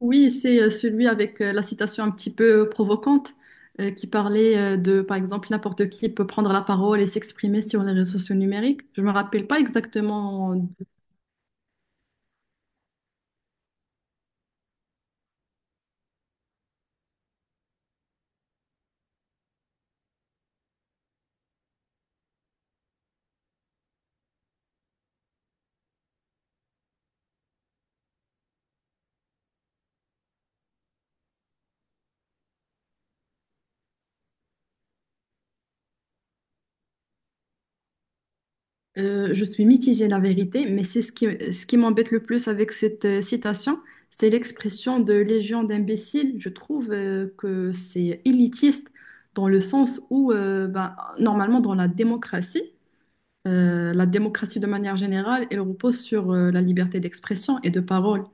Oui, c'est celui avec la citation un petit peu provocante, qui parlait de, par exemple, n'importe qui peut prendre la parole et s'exprimer sur les réseaux sociaux numériques. Je me rappelle pas exactement, je suis mitigée la vérité, mais c'est ce qui m'embête le plus avec cette citation, c'est l'expression de légion d'imbéciles. Je trouve que c'est élitiste dans le sens où, ben, normalement, dans la démocratie de manière générale, elle repose sur la liberté d'expression et de parole.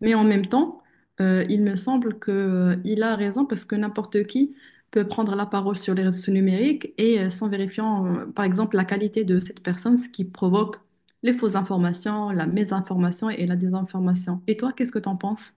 Mais en même temps, il me semble que, il a raison parce que n'importe qui peut prendre la parole sur les réseaux numériques et sans vérifiant, par exemple, la qualité de cette personne, ce qui provoque les fausses informations, la mésinformation et la désinformation. Et toi, qu'est-ce que t'en penses?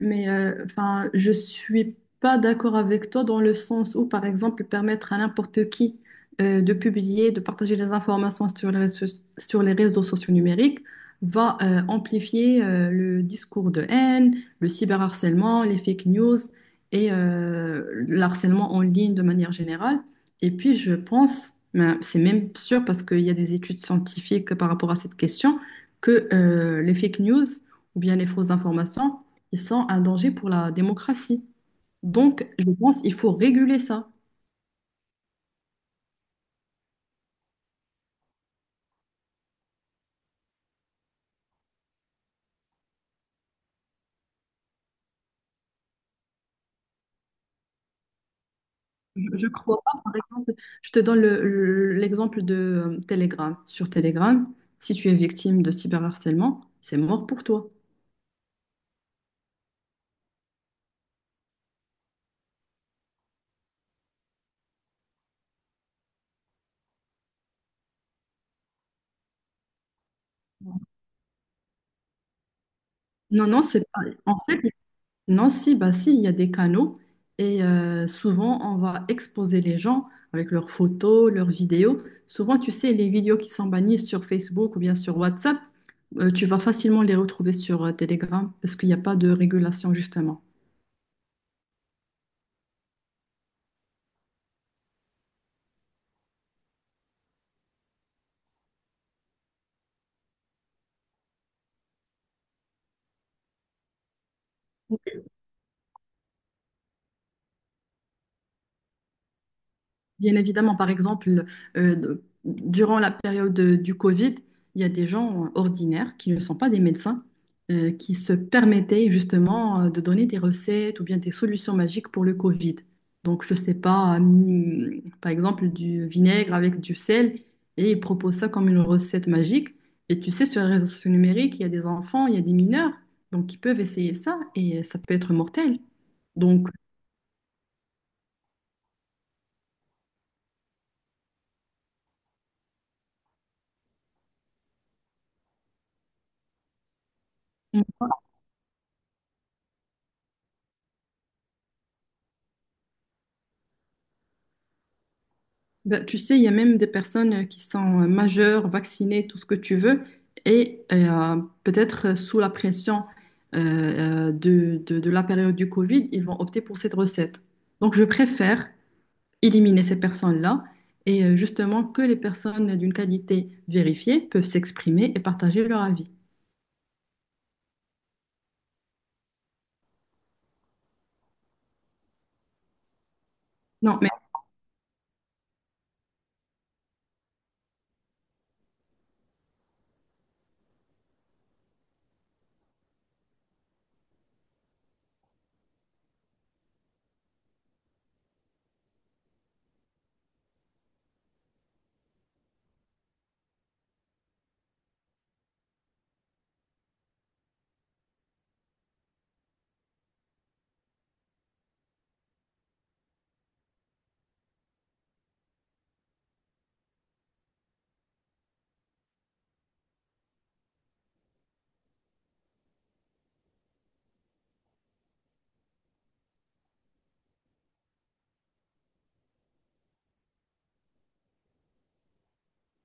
Mais enfin, je suis pas d'accord avec toi dans le sens où, par exemple, permettre à n'importe qui de publier, de partager des informations sur les réseaux sociaux numériques va amplifier le discours de haine, le cyberharcèlement, les fake news et l'harcèlement en ligne de manière générale. Et puis, je pense, ben, c'est même sûr parce qu'il y a des études scientifiques par rapport à cette question, que les fake news ou bien les fausses informations ils sont un danger pour la démocratie. Donc, je pense qu'il faut réguler ça. Je ne crois pas, par exemple, je te donne l'exemple de Telegram. Sur Telegram, si tu es victime de cyberharcèlement, c'est mort pour toi. Non, non, c'est pas. En fait, non, si, bah si, il y a des canaux et souvent on va exposer les gens avec leurs photos, leurs vidéos. Souvent, tu sais, les vidéos qui sont bannies sur Facebook ou bien sur WhatsApp, tu vas facilement les retrouver sur Telegram parce qu'il n'y a pas de régulation justement. Bien évidemment, par exemple, euh, durant la période du Covid, il y a des gens ordinaires qui ne sont pas des médecins, qui se permettaient justement de donner des recettes ou bien des solutions magiques pour le Covid. Donc, je ne sais pas, par exemple, du vinaigre avec du sel, et ils proposent ça comme une recette magique. Et tu sais, sur les réseaux sociaux numériques, il y a des enfants, il y a des mineurs, donc ils peuvent essayer ça, et ça peut être mortel. Donc, ben, tu sais, il y a même des personnes qui sont majeures, vaccinées, tout ce que tu veux, et peut-être sous la pression de, de la période du Covid, ils vont opter pour cette recette. Donc, je préfère éliminer ces personnes-là et justement que les personnes d'une qualité vérifiée peuvent s'exprimer et partager leur avis. Non, mais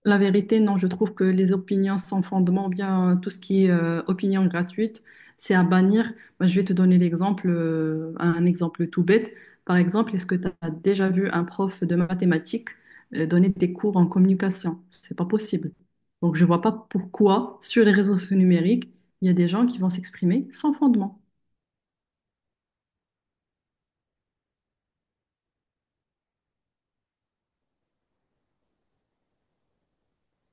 la vérité, non, je trouve que les opinions sans fondement, bien tout ce qui est opinion gratuite, c'est à bannir. Moi, je vais te donner l'exemple, un exemple tout bête. Par exemple, est-ce que tu as déjà vu un prof de mathématiques donner des cours en communication? C'est pas possible. Donc, je vois pas pourquoi sur les réseaux sociaux numériques, il y a des gens qui vont s'exprimer sans fondement.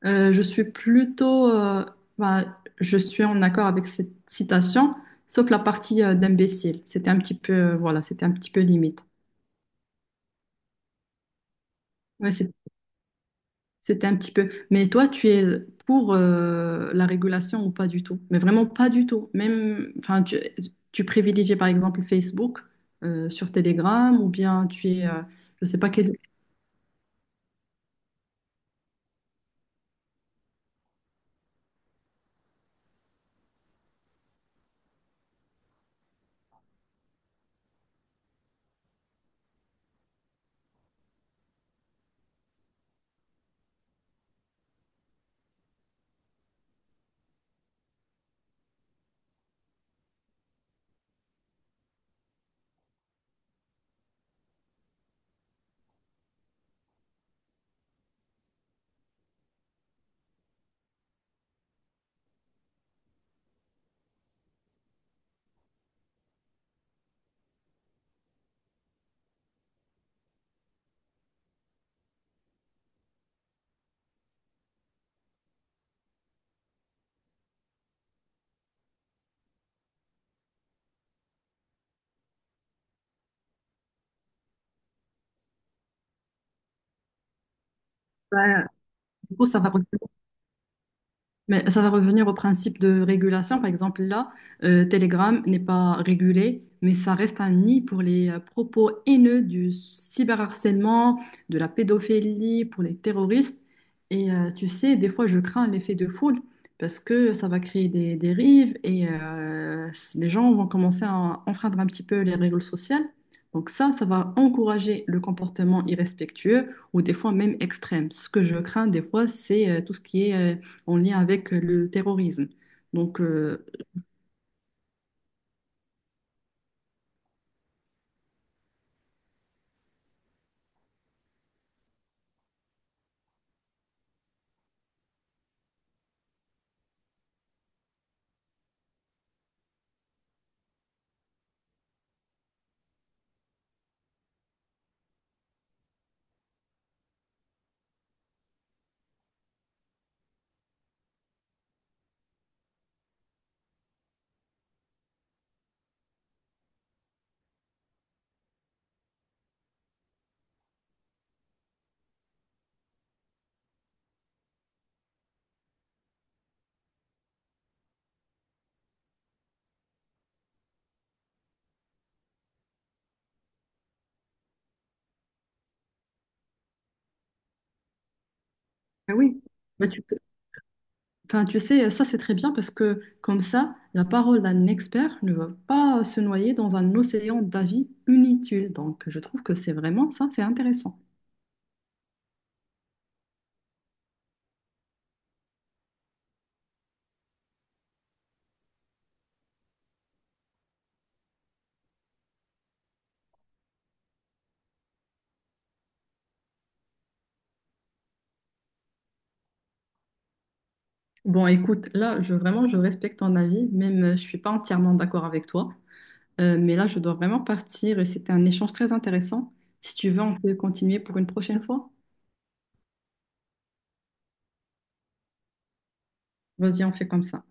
Je suis plutôt, bah, je suis en accord avec cette citation, sauf la partie d'imbécile. C'était un petit peu, voilà, c'était un petit peu limite. Ouais, c'était un petit peu. Mais toi, tu es pour la régulation ou pas du tout? Mais vraiment pas du tout. Même, enfin, tu privilégies par exemple Facebook sur Telegram ou bien tu es, je sais pas quel. Ouais, du coup, ça va. Mais ça va revenir au principe de régulation. Par exemple, là, Telegram n'est pas régulé, mais ça reste un nid pour les propos haineux du cyberharcèlement, de la pédophilie, pour les terroristes. Et tu sais, des fois, je crains l'effet de foule parce que ça va créer des dérives et les gens vont commencer à enfreindre un petit peu les règles sociales. Donc ça va encourager le comportement irrespectueux ou des fois même extrême. Ce que je crains des fois, c'est tout ce qui est... en lien avec le terrorisme. Donc, euh, Ah oui. Bah, tu, enfin, tu sais, ça c'est très bien parce que comme ça, la parole d'un expert ne va pas se noyer dans un océan d'avis inutiles. Donc, je trouve que c'est vraiment ça, c'est intéressant. Bon, écoute, là, je, vraiment, je respecte ton avis, même je suis pas entièrement d'accord avec toi. Mais là, je dois vraiment partir et c'était un échange très intéressant. Si tu veux, on peut continuer pour une prochaine fois. Vas-y, on fait comme ça.